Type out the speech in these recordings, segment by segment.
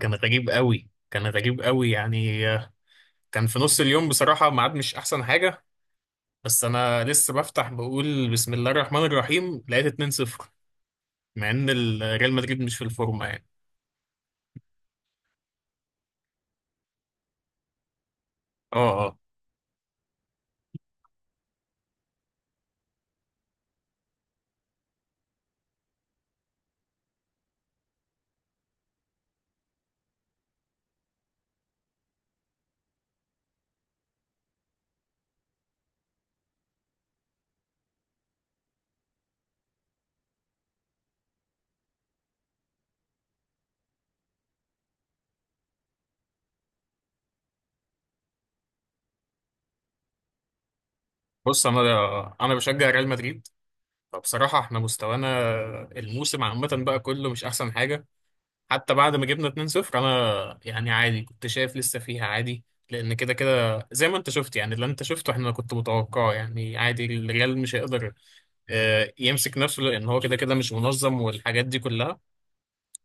كان غريب قوي يعني، كان في نص اليوم بصراحة، ميعاد مش أحسن حاجة. بس أنا لسه بفتح بقول بسم الله الرحمن الرحيم، لقيت 2-0 مع إن ريال مدريد مش في الفورمة يعني. أه أه. بص، أنا بشجع ريال مدريد. فبصراحة إحنا مستوانا الموسم عامة بقى كله مش أحسن حاجة. حتى بعد ما جبنا 2-0 أنا يعني عادي، كنت شايف لسه فيها عادي. لأن كده كده زي ما أنت شفت، يعني اللي أنت شفته إحنا كنت متوقعه، يعني عادي الريال مش هيقدر يمسك نفسه، لان هو كده كده مش منظم والحاجات دي كلها.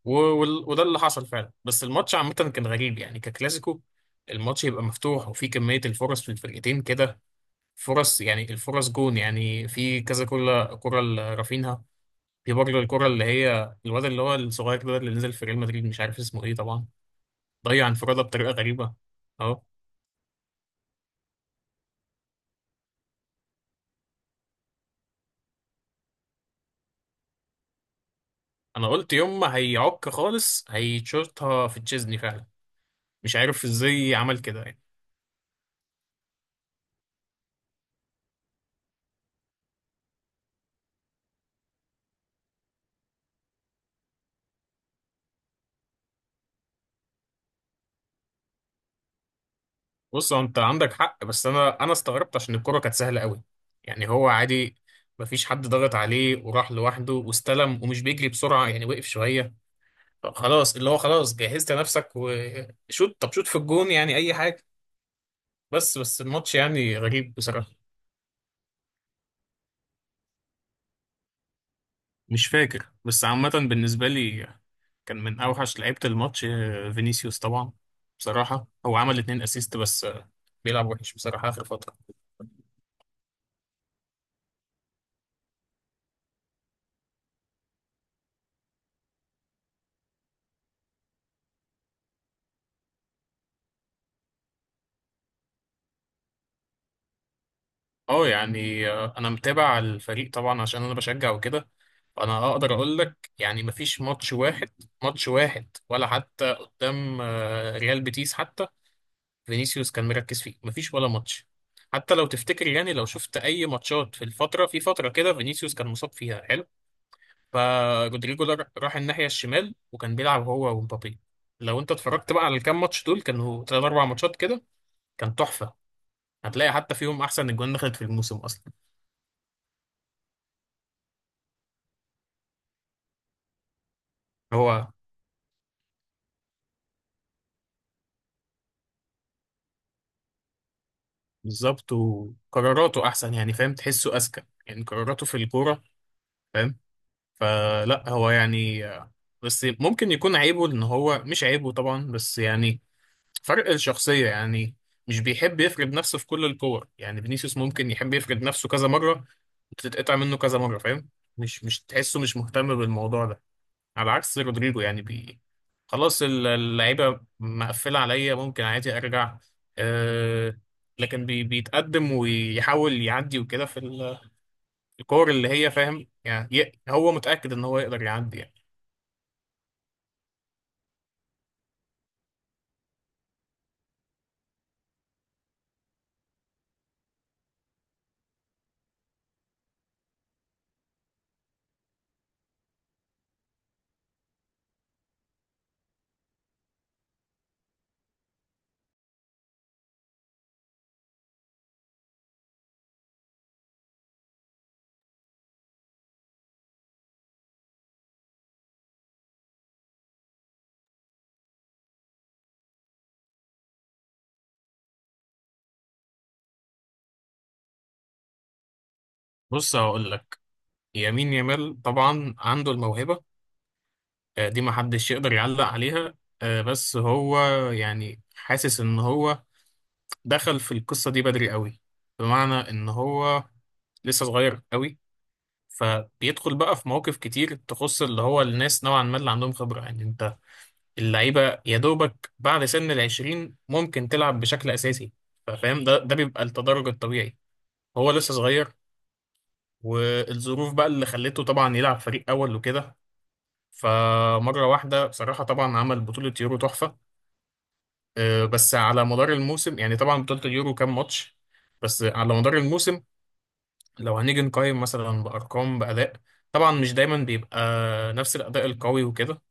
و- وده اللي حصل فعلا. بس الماتش عامه كان غريب يعني ككلاسيكو، الماتش يبقى مفتوح وفي كميه الفرص في الفرقتين كده. فرص، يعني الفرص جون، يعني في كذا كرة لرافينها. في برضه الكرة اللي هي الواد اللي هو الصغير ده اللي نزل في ريال مدريد، مش عارف اسمه ايه طبعا، ضيع انفرادة بطريقة غريبة. اهو، انا قلت يوم ما هيعك خالص هيتشوطها في تشيزني فعلا، مش عارف ازاي عمل كده يعني. بص، هو انت عندك حق، بس انا استغربت عشان الكرة كانت سهلة قوي، يعني هو عادي، مفيش حد ضغط عليه وراح لوحده واستلم، ومش بيجري بسرعة يعني، وقف شوية. طب خلاص اللي هو خلاص جهزت نفسك وشوت، طب شوت في الجون يعني اي حاجة. بس الماتش يعني غريب بصراحة. مش فاكر، بس عامة بالنسبة لي كان من اوحش لعيبة الماتش فينيسيوس طبعا. بصراحة هو عمل اتنين اسيست، بس بيلعب وحش بصراحة اخر فترة. اه يعني، انا متابع الفريق طبعا عشان انا بشجع وكده، فانا اقدر اقول لك يعني مفيش ماتش واحد، ماتش واحد ولا حتى قدام ريال بيتيس حتى، فينيسيوس كان مركز فيه. مفيش ولا ماتش، حتى لو تفتكر يعني، لو شفت اي ماتشات في الفتره، في فتره كده فينيسيوس كان مصاب فيها حلو. فرودريجو ده راح الناحيه الشمال وكان بيلعب هو ومبابي. لو انت اتفرجت بقى على الكام ماتش دول، كانوا تلات اربع ماتشات كده، كان تحفه، هتلاقي حتى فيهم احسن اجوان دخلت في الموسم اصلا. هو بالظبط، وقراراته احسن يعني، فاهم؟ تحسه اذكى، يعني قراراته في الكوره، فاهم؟ فلا هو يعني، بس ممكن يكون عيبه ان هو، مش عيبه طبعا بس يعني، فرق الشخصيه يعني، مش بيحب يفرد نفسه في كل الكور. يعني فينيسيوس ممكن يحب يفرد نفسه كذا مره، وتتقطع منه كذا مره، فاهم؟ مش تحسه مش مهتم بالموضوع ده، على عكس رودريجو يعني. خلاص اللعيبة مقفلة عليا، ممكن عادي أرجع. أه. لكن بي بيتقدم ويحاول يعدي وكده في الكور اللي هي، فاهم يعني؟ هو متأكد إن هو يقدر يعدي يعني. بص، هقول لك. يمين يامال طبعا عنده الموهبة، دي محدش يقدر يعلق عليها. بس هو يعني، حاسس إن هو دخل في القصة دي بدري قوي، بمعنى إن هو لسه صغير قوي، فبيدخل بقى في مواقف كتير تخص اللي هو الناس نوعا ما اللي عندهم خبرة. يعني انت، اللعيبة يا دوبك بعد سن العشرين ممكن تلعب بشكل أساسي، فاهم؟ ده بيبقى التدرج الطبيعي. هو لسه صغير، والظروف بقى اللي خلته طبعا يلعب فريق أول وكده. فمرة واحدة بصراحة طبعا عمل بطولة يورو تحفة. اه، بس على مدار الموسم، يعني طبعا بطولة اليورو كام ماتش؟ بس على مدار الموسم، لو هنيجي نقيم مثلا بأرقام، بأداء، طبعا مش دايما بيبقى نفس الأداء القوي وكده.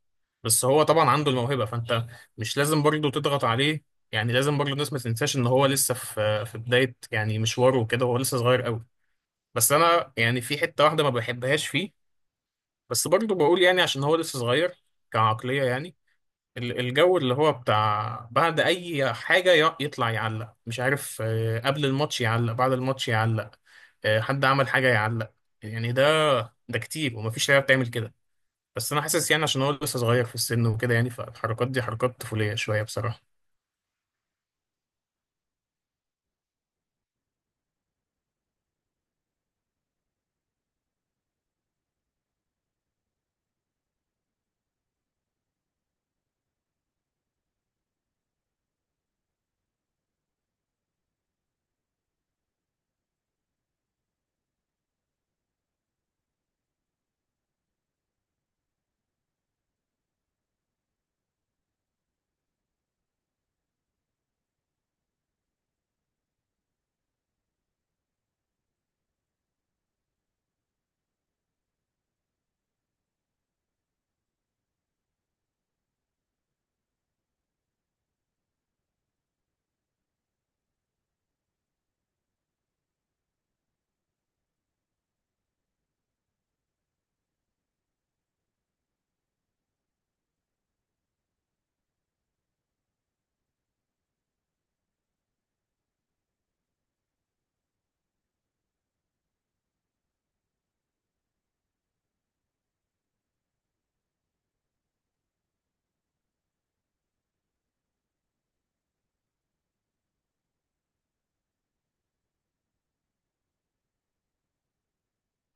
بس هو طبعا عنده الموهبة، فانت مش لازم برضه تضغط عليه. يعني لازم برضه الناس ما تنساش ان هو لسه في بداية يعني مشواره وكده. هو لسه صغير قوي. بس انا يعني في حتة واحدة ما بحبهاش فيه، بس برضه بقول يعني عشان هو لسه صغير، كعقلية يعني. الجو اللي هو بتاع بعد اي حاجة يطلع يعلق، مش عارف، قبل الماتش يعلق، بعد الماتش يعلق، حد عمل حاجة يعلق. يعني ده كتير، ومفيش لعيبة بتعمل كده. بس انا حاسس يعني عشان هو لسه صغير في السن وكده، يعني فالحركات دي حركات طفوليه شويه بصراحه.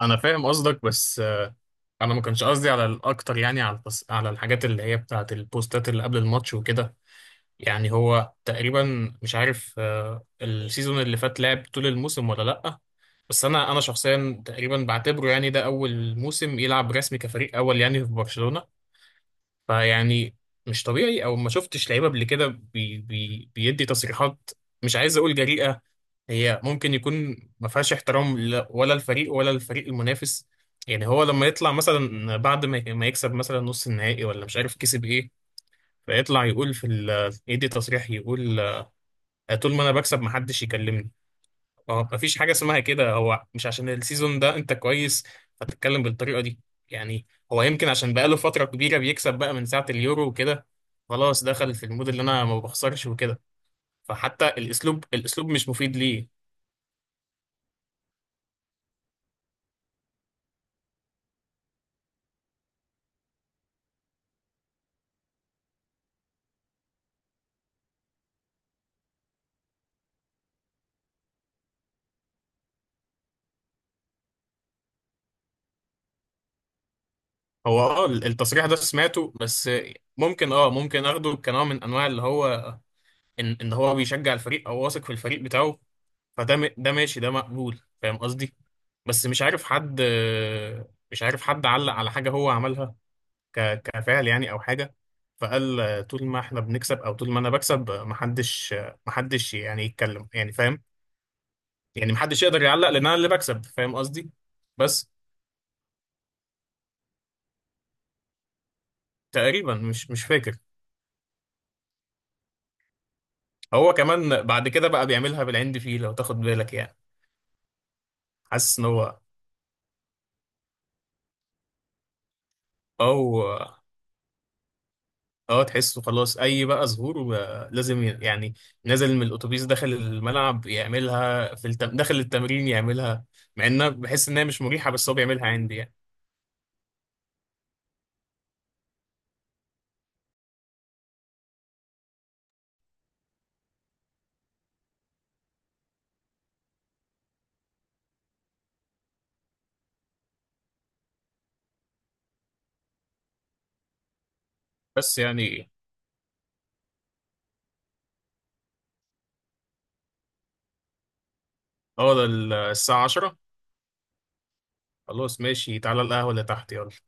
انا فاهم قصدك، بس انا ما كانش قصدي على الاكتر، يعني على على الحاجات اللي هي بتاعه البوستات اللي قبل الماتش وكده. يعني هو تقريبا مش عارف السيزون اللي فات لعب طول الموسم ولا لا. بس انا شخصيا تقريبا بعتبره يعني ده اول موسم يلعب رسمي كفريق اول يعني في برشلونه. فيعني، مش طبيعي او ما شفتش لعيبه قبل كده بيدي تصريحات، مش عايز اقول جريئه، هي ممكن يكون ما فيهاش احترام ولا الفريق ولا الفريق المنافس. يعني هو لما يطلع مثلا بعد ما يكسب مثلا نص النهائي ولا مش عارف كسب ايه، فيطلع يقول في يدي تصريح، يقول طول ما انا بكسب ما حدش يكلمني. اه، ما فيش حاجه اسمها كده، هو مش عشان السيزون ده انت كويس فتتكلم بالطريقه دي. يعني هو يمكن عشان بقاله فتره كبيره بيكسب بقى من ساعه اليورو وكده، خلاص دخل في المود اللي انا ما بخسرش وكده. فحتى الاسلوب مش مفيد ليه. هو اه التصريح ده سمعته، بس ممكن اه ممكن اخده كنوع من انواع اللي هو ان هو بيشجع الفريق، او واثق في الفريق بتاعه. فده ده ماشي، ده مقبول، فاهم قصدي؟ بس مش عارف حد علق على حاجة هو عملها كفعل يعني او حاجة، فقال طول ما احنا بنكسب او طول ما انا بكسب، محدش يعني يتكلم، يعني فاهم؟ يعني محدش يقدر يعلق لان انا اللي بكسب، فاهم قصدي؟ بس تقريبا مش فاكر. هو كمان بعد كده بقى بيعملها بالعند فيه لو تاخد بالك يعني. حاسس ان هو، او، اه تحسه خلاص اي بقى ظهور بقى لازم يعني نازل من الاتوبيس، داخل الملعب يعملها، في داخل التمرين يعملها. مع انها بحس انها مش مريحة، بس هو بيعملها عندي يعني. بس يعني، اه ده الساعة 10. خلاص ماشي، تعالى القهوة اللي تحت، يلا.